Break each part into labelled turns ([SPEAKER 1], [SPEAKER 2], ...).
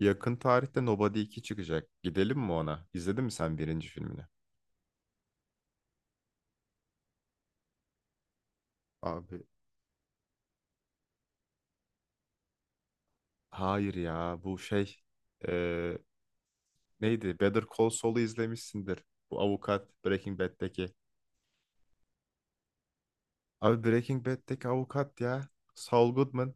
[SPEAKER 1] Yakın tarihte Nobody 2 çıkacak. Gidelim mi ona? İzledin mi sen birinci filmini? Abi hayır ya bu şey, eee, neydi? Better Call Saul'u izlemişsindir. Bu avukat Breaking Bad'deki. Abi Breaking Bad'deki avukat ya. Saul Goodman.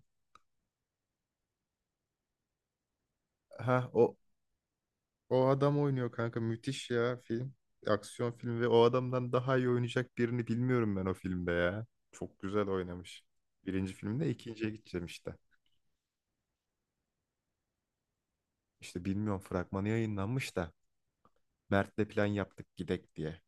[SPEAKER 1] Ha, o adam oynuyor kanka, müthiş ya film. Aksiyon filmi ve o adamdan daha iyi oynayacak birini bilmiyorum ben o filmde ya. Çok güzel oynamış. Birinci filmde, ikinciye gideceğim işte. İşte bilmiyorum, fragmanı yayınlanmış da. Mert'le plan yaptık gidek diye.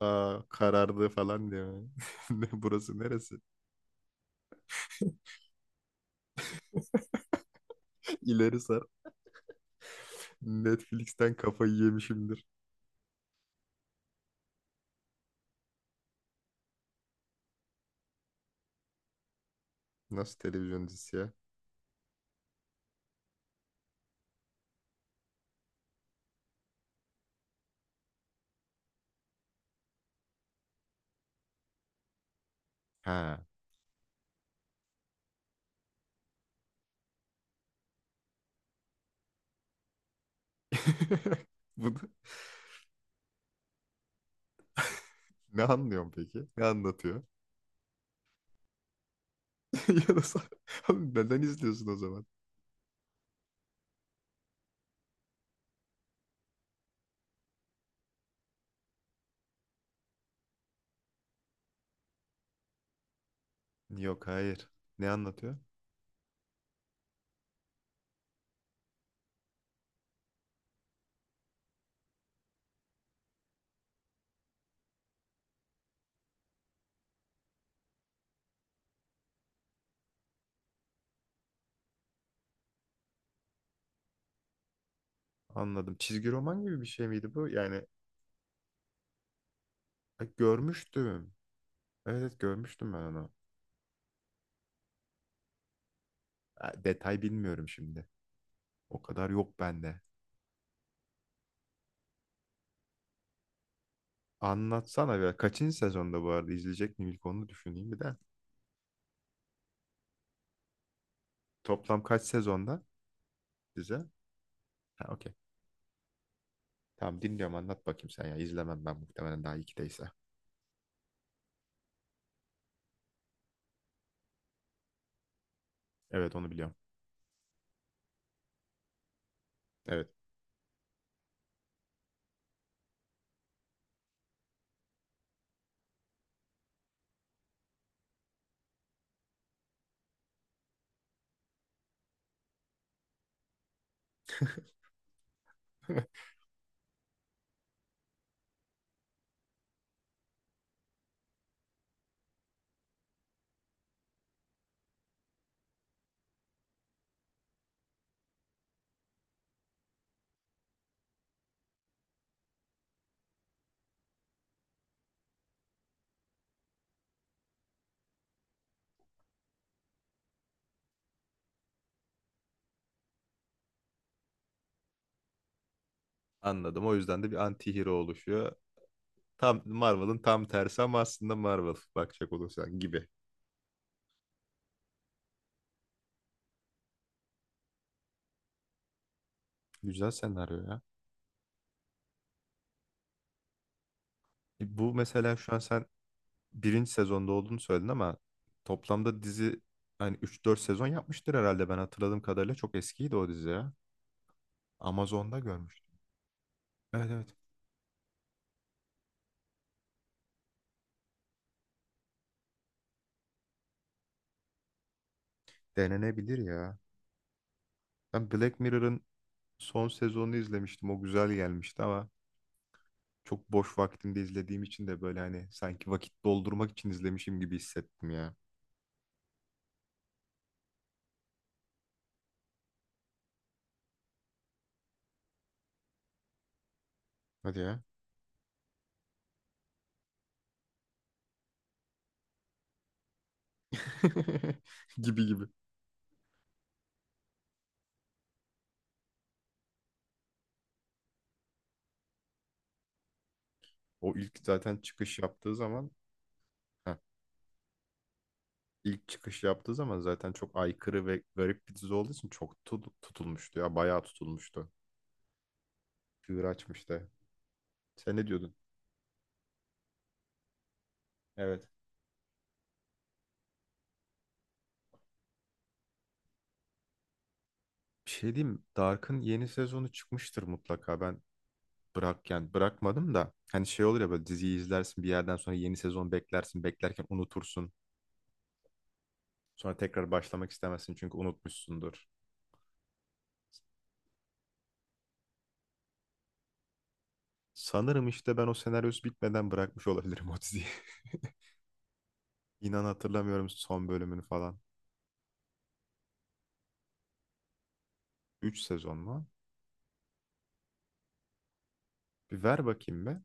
[SPEAKER 1] Aa, karardı falan diye. Ne, burası neresi? İleri sar. Netflix'ten kafayı yemişimdir. Nasıl televizyon dizisi ya? Ha. Bunu ne anlıyorum peki? Ne anlatıyor? Ya da sen- Oğlum neden izliyorsun o zaman? Yok, hayır. Ne anlatıyor? Anladım. Çizgi roman gibi bir şey miydi bu? Yani görmüştüm. Evet, evet, görmüştüm ben onu. Ha, detay bilmiyorum şimdi. O kadar yok bende. Anlatsana biraz. Kaçıncı sezonda bu arada, izleyecek miyim ilk onu düşüneyim bir de. Toplam kaç sezonda bize? Ha, okey. Tamam, dinliyorum, anlat bakayım sen ya. İzlemem ben muhtemelen daha ikideyse. Evet, onu biliyorum. Evet. Anladım. O yüzden de bir anti-hero oluşuyor. Tam Marvel'ın tam tersi ama aslında Marvel bakacak olursan gibi. Güzel senaryo ya. E, bu mesela şu an sen birinci sezonda olduğunu söyledin ama toplamda dizi hani üç dört sezon yapmıştır herhalde, ben hatırladığım kadarıyla çok eskiydi o dizi ya. Amazon'da görmüştüm. Evet, evet. Denenebilir ya. Ben Black Mirror'ın son sezonunu izlemiştim. O güzel gelmişti ama çok boş vaktimde izlediğim için de böyle hani sanki vakit doldurmak için izlemişim gibi hissettim ya. Hadi ya. Gibi gibi. O ilk zaten çıkış yaptığı zaman, heh, ilk çıkış yaptığı zaman zaten çok aykırı ve garip bir dizi olduğu için çok tutulmuştu ya. Bayağı tutulmuştu. Çığır açmıştı. Sen ne diyordun? Evet. Bir şey diyeyim mi? Dark'ın yeni sezonu çıkmıştır mutlaka. Ben bırak yani, bırakmadım da hani şey olur ya, böyle diziyi izlersin bir yerden sonra yeni sezon beklersin, beklerken unutursun. Sonra tekrar başlamak istemezsin çünkü unutmuşsundur. Sanırım işte ben o senaryosu bitmeden bırakmış olabilirim o diziyi. İnan hatırlamıyorum son bölümünü falan. 3 sezon mu? Bir ver bakayım be.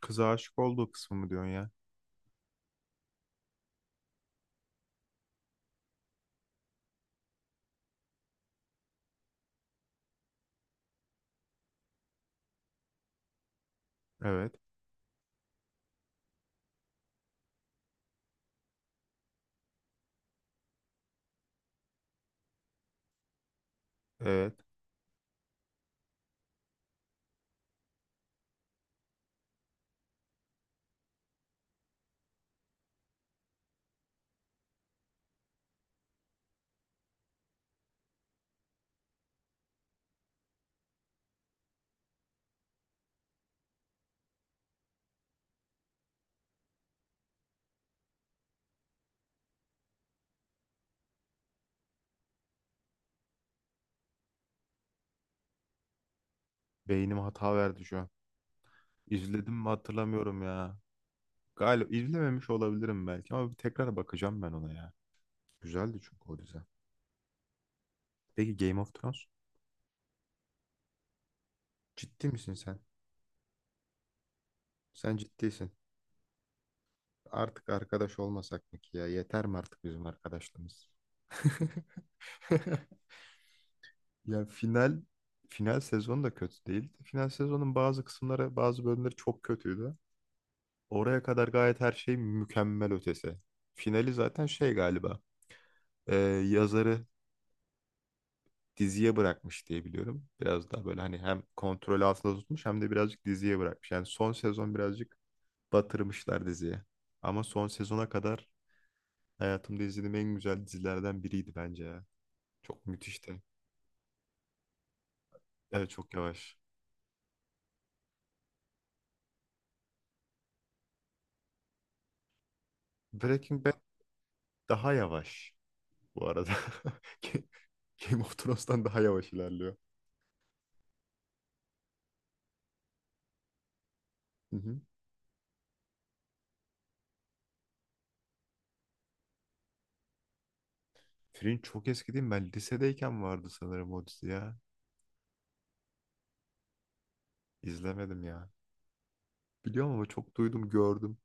[SPEAKER 1] Kıza aşık olduğu kısmı mı diyorsun ya? Evet. Evet. Beynim hata verdi şu an. İzledim mi hatırlamıyorum ya. Galiba izlememiş olabilirim belki, ama bir tekrar bakacağım ben ona ya. Güzeldi çünkü o dizi. Peki Game of Thrones? Ciddi misin sen? Sen ciddisin. Artık arkadaş olmasak mı ki ya? Yeter mi artık bizim arkadaşlığımız? Ya, final sezonu da kötü değildi. Final sezonun bazı kısımları, bazı bölümleri çok kötüydü. Oraya kadar gayet her şey mükemmel ötesi. Finali zaten şey galiba, e, yazarı diziye bırakmış diye biliyorum. Biraz daha böyle hani hem kontrol altında tutmuş hem de birazcık diziye bırakmış. Yani son sezon birazcık batırmışlar diziye. Ama son sezona kadar hayatımda izlediğim en güzel dizilerden biriydi bence ya. Çok müthişti. Evet, çok yavaş. Breaking Bad daha yavaş bu arada. Ga- Game of Thrones'tan daha yavaş ilerliyor. Hı hı. Fringe çok eski değil mi? Ben lisedeyken vardı sanırım o dizi ya. İzlemedim ya. Biliyorum ama çok duydum, gördüm.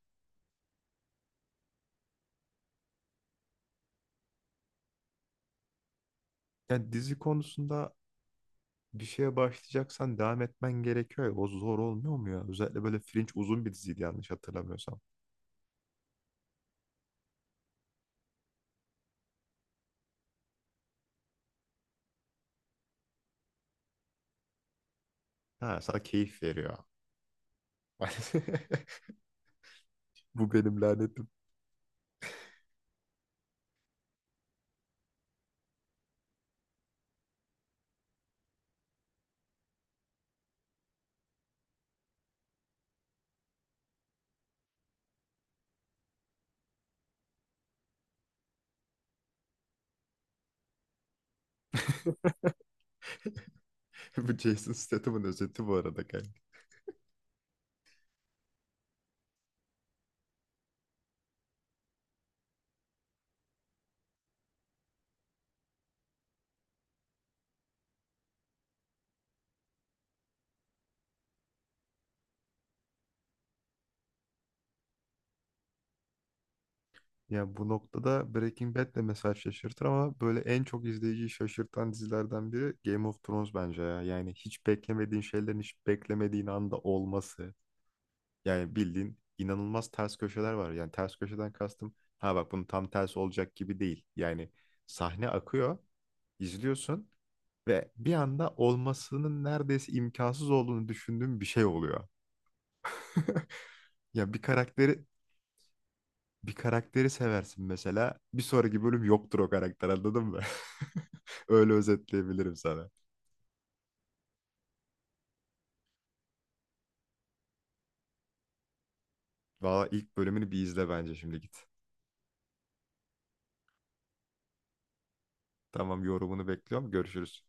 [SPEAKER 1] Yani dizi konusunda bir şeye başlayacaksan devam etmen gerekiyor ya. O zor olmuyor mu ya? Özellikle böyle Fringe uzun bir diziydi yanlış hatırlamıyorsam. Ha, sana keyif veriyor. Bu benim lanetli Bu Jason Statham'ın özeti bu arada kanka. Ya bu noktada Breaking Bad de mesela şaşırtır ama böyle en çok izleyiciyi şaşırtan dizilerden biri Game of Thrones bence ya. Yani hiç beklemediğin şeylerin hiç beklemediğin anda olması. Yani bildiğin inanılmaz ters köşeler var. Yani ters köşeden kastım, ha bak, bunun tam tersi olacak gibi değil. Yani sahne akıyor, izliyorsun ve bir anda olmasının neredeyse imkansız olduğunu düşündüğün bir şey oluyor. Ya bir karakteri seversin mesela. Bir sonraki bölüm yoktur o karakter, anladın mı? Öyle özetleyebilirim sana. Valla ilk bölümünü bir izle bence, şimdi git. Tamam, yorumunu bekliyorum. Görüşürüz.